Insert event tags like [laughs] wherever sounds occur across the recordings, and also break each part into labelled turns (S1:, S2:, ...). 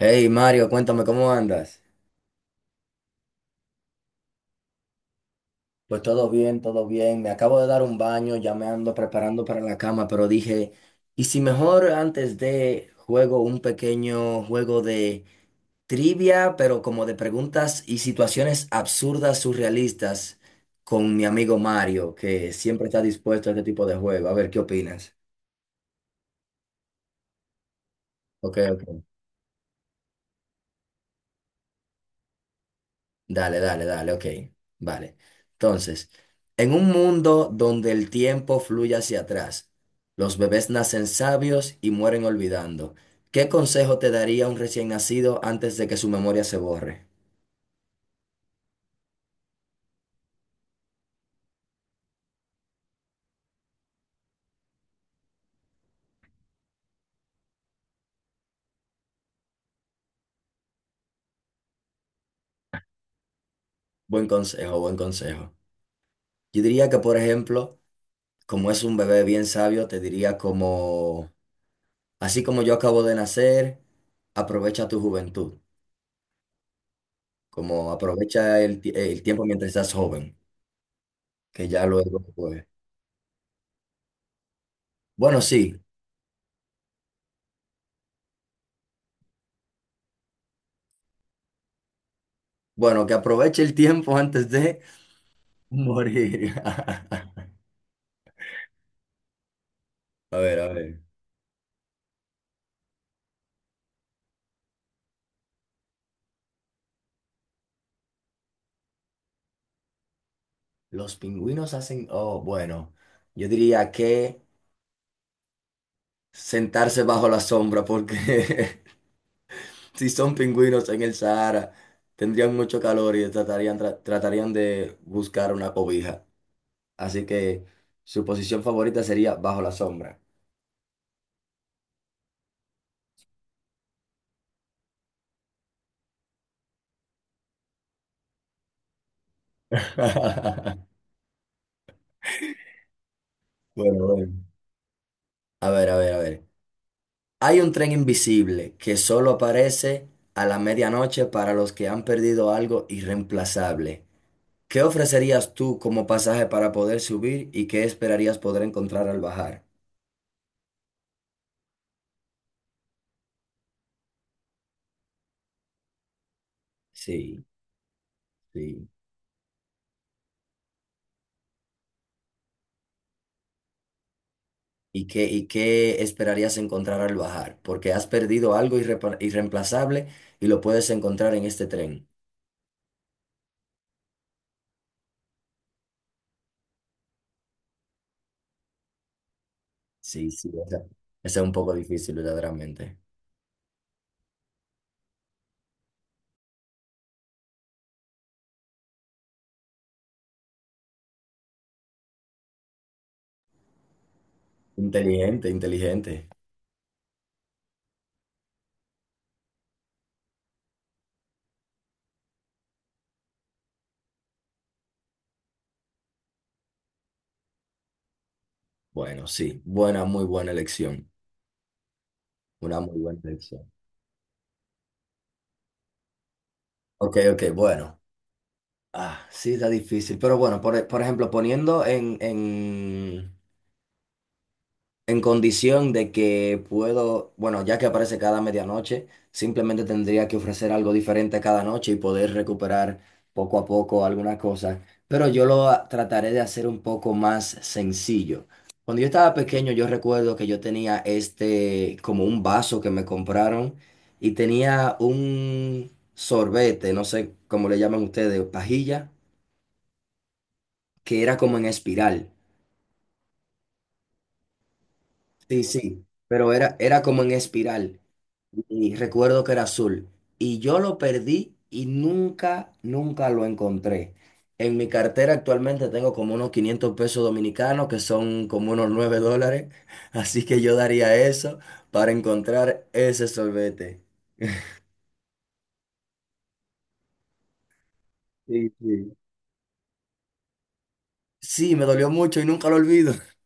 S1: Hey Mario, cuéntame cómo andas. Pues todo bien, todo bien. Me acabo de dar un baño, ya me ando preparando para la cama, pero dije, ¿y si mejor antes de juego un pequeño juego de trivia, pero como de preguntas y situaciones absurdas, surrealistas, con mi amigo Mario, que siempre está dispuesto a este tipo de juego? A ver, ¿qué opinas? Ok, ok. Dale, dale, dale, ok. Vale. Entonces, en un mundo donde el tiempo fluye hacia atrás, los bebés nacen sabios y mueren olvidando. ¿Qué consejo te daría un recién nacido antes de que su memoria se borre? Buen consejo, buen consejo. Yo diría que, por ejemplo, como es un bebé bien sabio, te diría como, así como yo acabo de nacer, aprovecha tu juventud, como aprovecha el tiempo mientras estás joven, que ya luego, pues, bueno, sí. Bueno, que aproveche el tiempo antes de morir. [laughs] A ver, a ver. Los pingüinos hacen... Oh, bueno. Yo diría que sentarse bajo la sombra porque [laughs] si son pingüinos en el Sahara, tendrían mucho calor y tratarían de buscar una cobija. Así que su posición favorita sería bajo la sombra. [laughs] Bueno, bueno. A ver, a ver, a ver. Hay un tren invisible que solo aparece a la medianoche para los que han perdido algo irreemplazable. ¿Qué ofrecerías tú como pasaje para poder subir y qué esperarías poder encontrar al bajar? Sí, sí. ¿Y qué esperarías encontrar al bajar? Porque has perdido algo irreemplazable y lo puedes encontrar en este tren. Sí, sí, esa es un poco difícil, verdaderamente. Inteligente, inteligente. Bueno, sí, buena, muy buena elección. Una muy buena elección. Ok, ok, bueno. Ah, sí, está difícil. Pero bueno, por ejemplo, en condición de que puedo, bueno, ya que aparece cada medianoche, simplemente tendría que ofrecer algo diferente cada noche y poder recuperar poco a poco algunas cosas. Pero trataré de hacer un poco más sencillo. Cuando yo estaba pequeño, yo recuerdo que yo tenía este, como un vaso que me compraron y tenía un sorbete, no sé cómo le llaman ustedes, pajilla, que era como en espiral. Sí, sí, pero era como en espiral. Y recuerdo que era azul. Y yo lo perdí y nunca lo encontré. En mi cartera actualmente tengo como unos 500 pesos dominicanos, que son como unos 9 dólares. [laughs] Así que yo daría eso para encontrar ese sorbete. Sí, sí. Sí, me dolió mucho y nunca lo olvido. [laughs]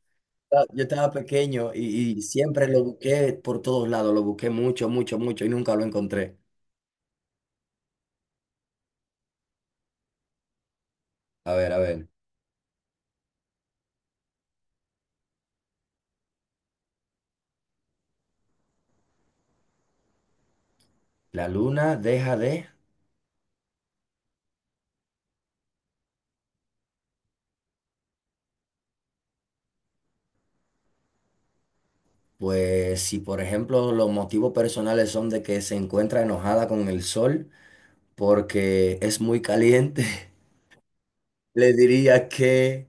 S1: Ah, yo estaba pequeño y siempre lo busqué por todos lados, lo busqué mucho, mucho, mucho y nunca lo encontré. A ver, a ver. La luna deja de... Pues si por ejemplo los motivos personales son de que se encuentra enojada con el sol porque es muy caliente, [laughs] le diría que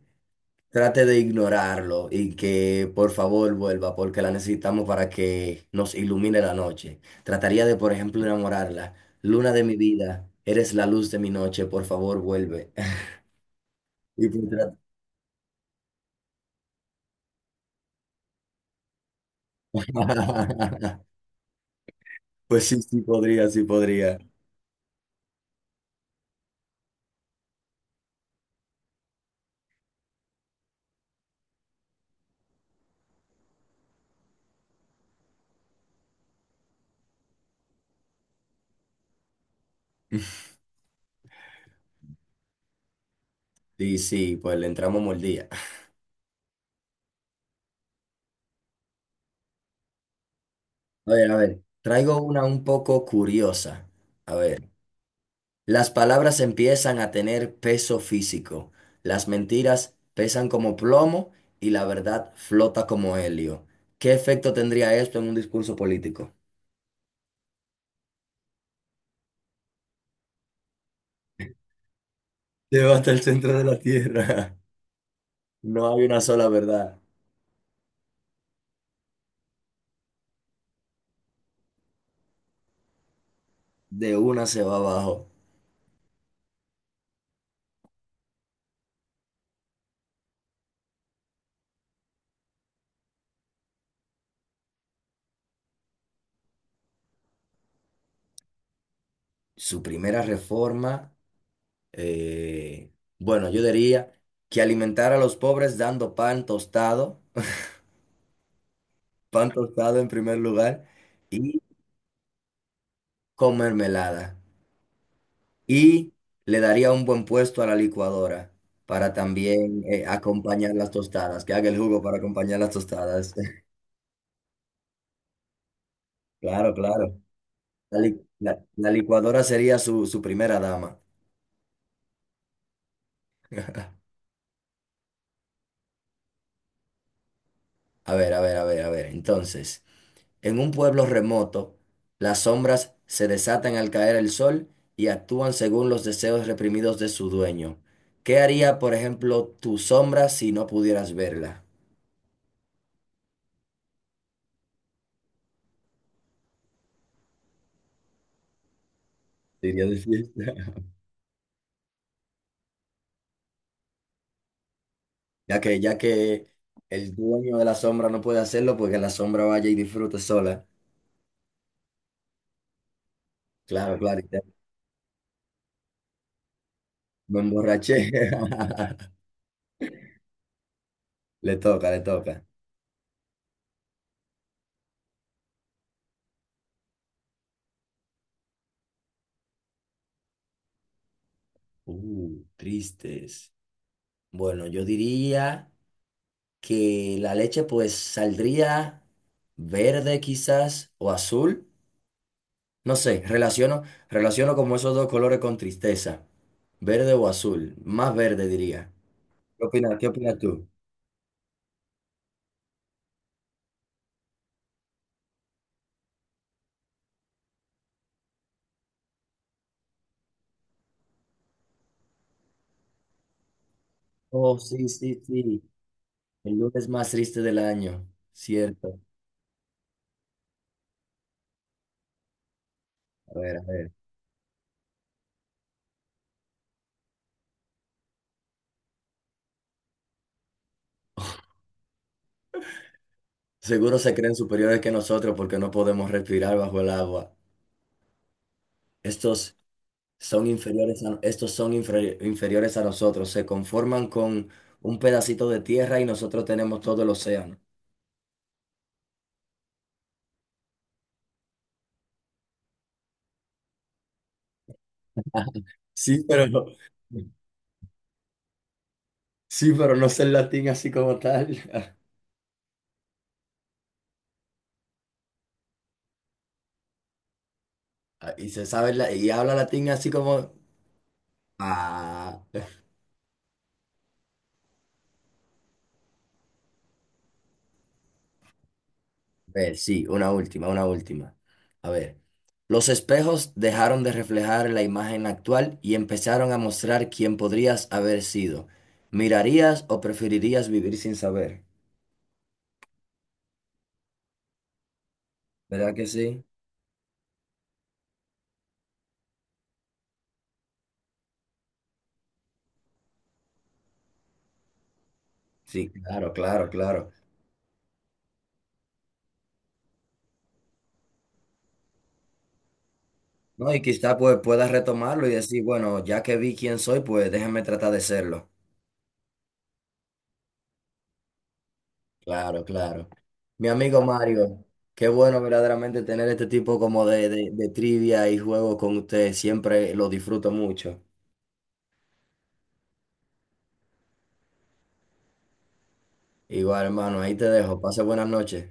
S1: trate de ignorarlo y que por favor vuelva porque la necesitamos para que nos ilumine la noche. Trataría de por ejemplo enamorarla. Luna de mi vida, eres la luz de mi noche, por favor vuelve. [laughs] Y pues, tra- [laughs] pues sí, sí podría, sí podría. [laughs] Sí, sí, pues le entramos mordida. A ver, traigo una un poco curiosa. A ver, las palabras empiezan a tener peso físico, las mentiras pesan como plomo y la verdad flota como helio. ¿Qué efecto tendría esto en un discurso político? Lleva hasta el centro de la tierra. [laughs] No hay una sola verdad. De una se va abajo. Su primera reforma, eh, bueno, yo diría que alimentar a los pobres dando pan tostado en primer lugar. Con mermelada y le daría un buen puesto a la licuadora para también acompañar las tostadas, que haga el jugo para acompañar las tostadas. [laughs] Claro, claro. La licuadora sería su primera dama. A ver, a ver, a ver, a ver. Entonces, en un pueblo remoto, las sombras se desatan al caer el sol y actúan según los deseos reprimidos de su dueño. ¿Qué haría, por ejemplo, tu sombra si no pudieras verla? Diría de fiesta. Ya que el dueño de la sombra no puede hacerlo, porque la sombra vaya y disfrute sola. Claro, Claro. claro. y te- Me emborraché. [laughs] Le toca, le toca. Tristes. Bueno, yo diría que la leche pues saldría verde quizás o azul. No sé, relaciono como esos dos colores con tristeza. Verde o azul. Más verde diría. ¿Qué opinas? ¿Qué opinas tú? Oh, sí, sí, sí. El lunes más triste del año. Cierto. A ver, a ver. Seguro se creen superiores que nosotros porque no podemos respirar bajo el agua. Estos son inferiores a, estos son inferi- inferiores a nosotros. Se conforman con un pedacito de tierra y nosotros tenemos todo el océano. Sí, pero no, sí, pero no sé el latín así como tal. [laughs] Ah, y se sabe y habla latín así como. Ah. ver, sí, una última, una última. A ver, los espejos dejaron de reflejar la imagen actual y empezaron a mostrar quién podrías haber sido. ¿Mirarías o preferirías vivir sin saber? ¿Verdad que sí? Sí, claro, claro, claro. No, y quizá pues puedas retomarlo y decir, bueno, ya que vi quién soy, pues déjame tratar de serlo. Claro, claro. Mi amigo Mario, qué bueno verdaderamente tener este tipo como de trivia y juego con usted. Siempre lo disfruto mucho. Igual, hermano, ahí te dejo. Pase buenas noches.